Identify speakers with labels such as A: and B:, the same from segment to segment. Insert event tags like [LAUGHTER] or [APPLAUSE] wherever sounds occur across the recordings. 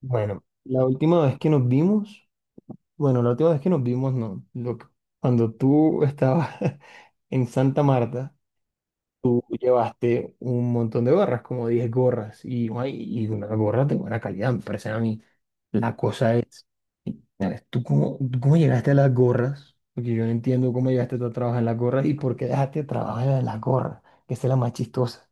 A: Bueno, la última vez que nos vimos, bueno, la última vez que nos vimos, no, lo que- cuando tú estabas en Santa Marta, tú llevaste un montón de gorras, como 10 gorras, y, guay, y una gorra de buena calidad, me parecen a mí. La cosa es, ¿sabes? ¿Tú cómo llegaste a las gorras? Porque yo no entiendo cómo llegaste tú a trabajar en las gorras y por qué dejaste trabajar en las gorras, que esa es la más chistosa.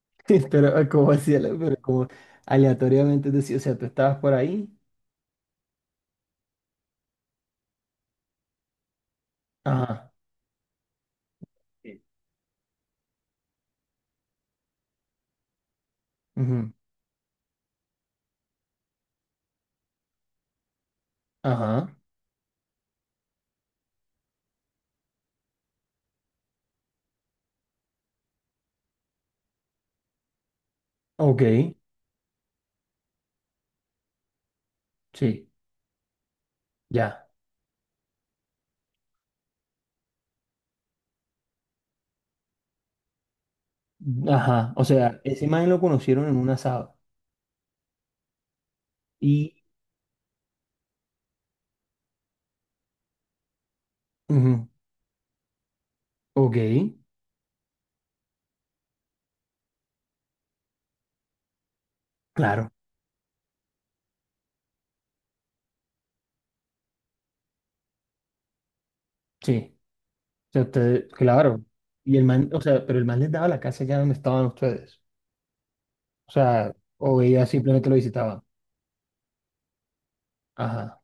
A: [LAUGHS] Pero como hacía, pero como aleatoriamente decía, o sea, tú estabas por ahí, ajá. Sí. Ujú. Ajá, ok, sí, ya. Ajá, o sea, ese man lo conocieron en un asado. Y, ujú, ok, claro, sí. O sea, ustedes, claro. Y el man, o sea, pero el man les daba la casa allá donde estaban ustedes. O sea, o ella simplemente lo visitaba. Ajá,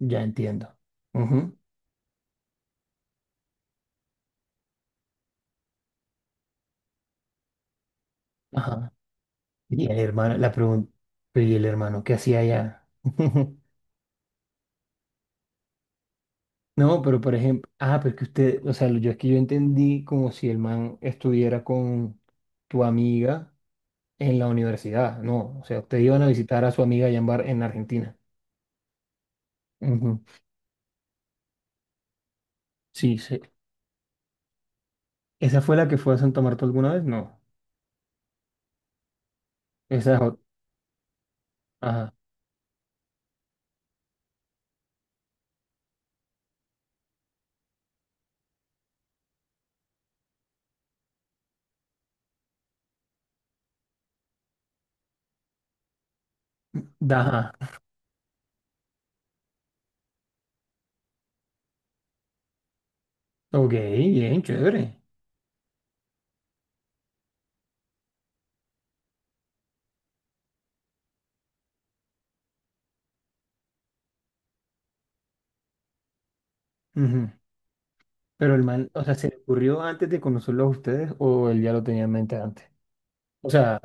A: ya entiendo. Ujú, ajá. Y el hermano, la pregunta, pero ¿y el hermano qué hacía allá? [LAUGHS] No, pero por ejemplo, ah, pero es que usted, o sea, yo es que yo entendí como si el man estuviera con tu amiga en la universidad. No, o sea, ustedes iban a visitar a su amiga allá en Argentina. Ujú. Sí, sí. ¿Esa fue la que fue a Santa Marta alguna vez? No. Esa es otra. Ajá. Ajá. Ok, bien, chévere. Ujú. Pero el man, o sea, ¿se le ocurrió antes de conocerlo a ustedes o él ya lo tenía en mente antes? O sea,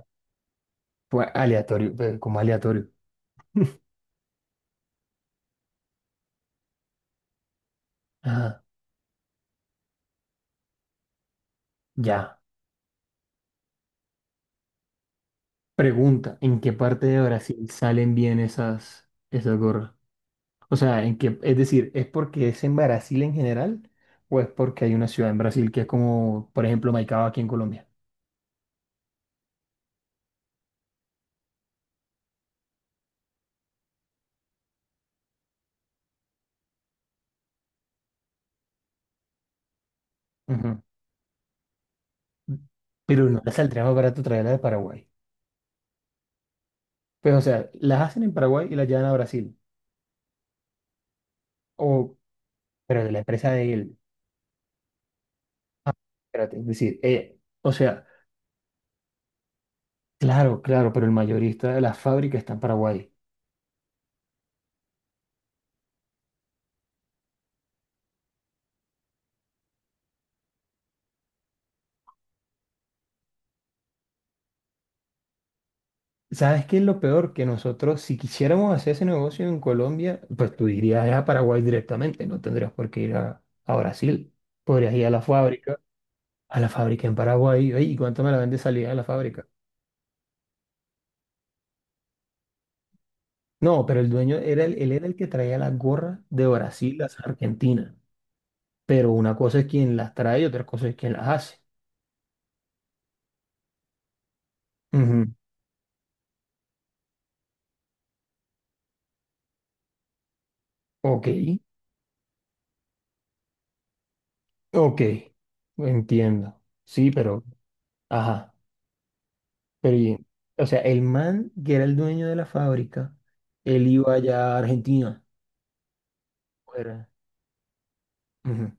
A: fue aleatorio, como aleatorio. Ajá. Ya. Pregunta, ¿en qué parte de Brasil salen bien esas gorras? O sea, es decir, ¿es porque es en Brasil en general o es porque hay una ciudad en Brasil que es como, por ejemplo, Maicao aquí en Colombia? Ujú. Pero no les saldría más barato traerla de Paraguay. Pues, o sea, las hacen en Paraguay y las llevan a Brasil. O, pero de la empresa de él. Ah, espérate, es decir, o sea, claro, claro, pero el mayorista de la fábrica está en Paraguay. ¿Sabes qué es lo peor? Que nosotros, si quisiéramos hacer ese negocio en Colombia, pues tú irías a Paraguay directamente, no tendrías por qué ir a Brasil. Podrías ir a la fábrica en Paraguay, "Ey, ¿y cuánto me la vende salida de la fábrica? No, pero el dueño era el, él era el que traía las gorras de Brasil, las Argentina. Pero una cosa es quien las trae y otra cosa es quien las hace. Ujú. Ok, ok, entiendo. Sí, pero, ajá. Pero, o sea, el man que era el dueño de la fábrica, él iba allá a Argentina. Fuera. Ujú,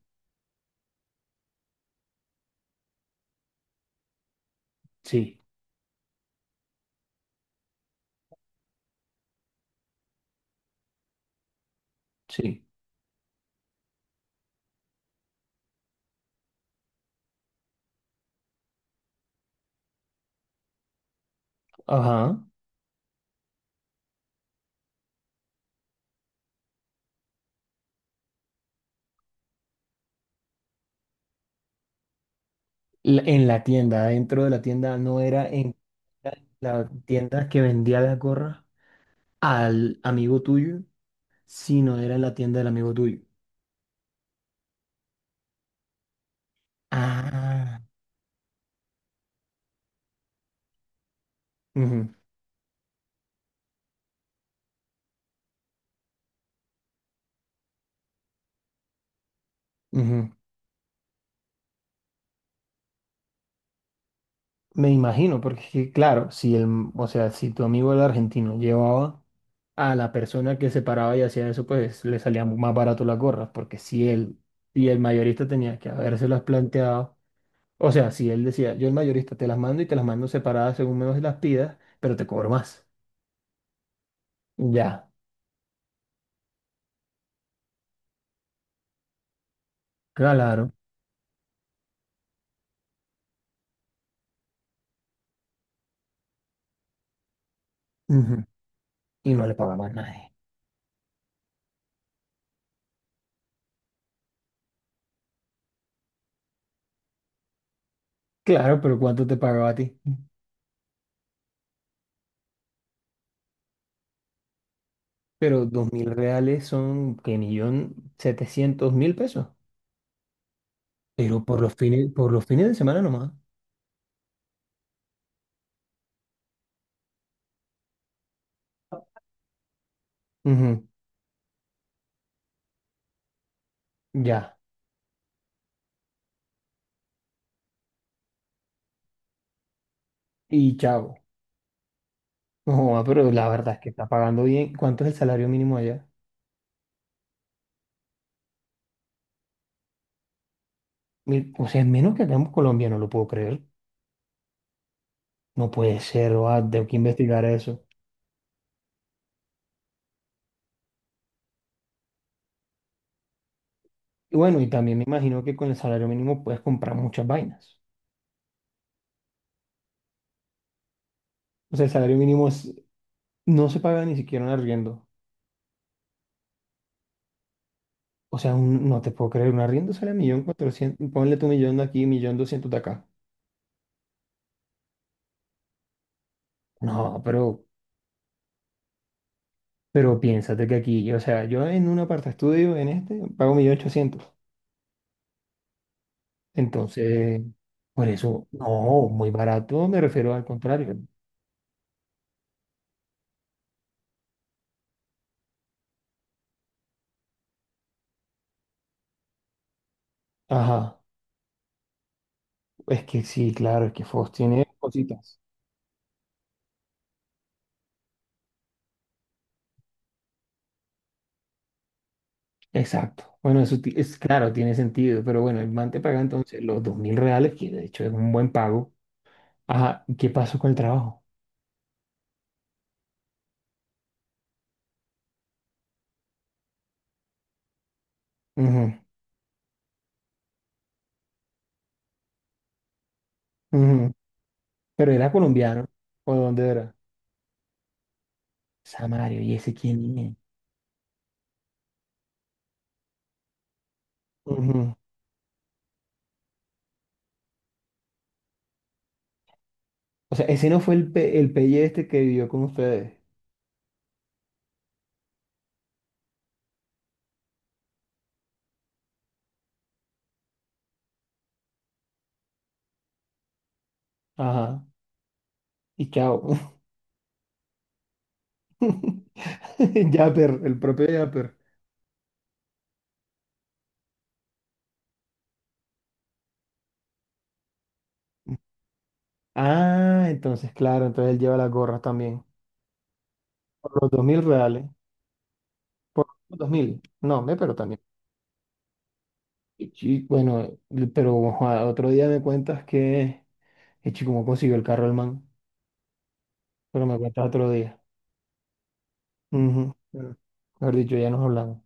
A: sí, sí. Ajá. En la tienda, dentro de la tienda, no era en la tienda que vendía la gorra al amigo tuyo, sino era en la tienda del amigo tuyo. Ah. Ujú, ujú. Me imagino, porque es que, claro, si el, o sea, si tu amigo el argentino, llevaba a la persona que se paraba y hacía eso, pues le salía más barato las gorras, porque si él y el mayorista tenía que habérselas planteado, o sea, si él decía, yo el mayorista te las mando y te las mando separadas según menos las pidas, pero te cobro más. Ya, claro. Ujú, y no le pagaba a nadie. Claro, pero ¿cuánto te pagaba a ti? Pero 2.000 reales son que 1.700.000 pesos. Pero por los fines de semana nomás. Ujú, ya. Y chavo. No, ah, pero la verdad es que está pagando bien. ¿Cuánto es el salario mínimo allá? O sea, es menos que acá en Colombia, no lo puedo creer. No puede ser, o tengo que investigar eso. Y bueno, y también me imagino que con el salario mínimo puedes comprar muchas vainas. O sea, el salario mínimo es- no se paga ni siquiera un arriendo. O sea, no te puedo creer, un arriendo sale a 1.400.000, ponle tu millón de aquí, 1.200.000 de acá. No, pero piénsate que aquí, o sea, yo en un aparta estudio, en este, pago 1.800.000. Entonces, por eso, no, muy barato, me refiero al contrario. Ajá, es que sí, claro, es que Fox tiene cositas. Exacto. Bueno, es claro, tiene sentido, pero bueno, el man te paga entonces los 2.000 reales, que de hecho es un buen pago. Ajá, ¿y ¿qué pasó con el trabajo? Ujú, ujú. Pero era colombiano, ¿o de dónde era? Samario, ¿y ese quién es? Ujú. O sea, ese no fue el, el pelle este que vivió con ustedes. Ajá, y chao. [LAUGHS] Yapper, el propio Yapper. Ah, entonces, claro, entonces él lleva las gorras también. Por los 2.000 reales. Por los dos mil. No, me, pero también. Y, bueno, pero ojalá, otro día me cuentas que. Echi, ¿cómo consiguió el carro el man? Pero me cuentas otro día. Ujú. Bueno, mejor dicho, ya nos hablamos.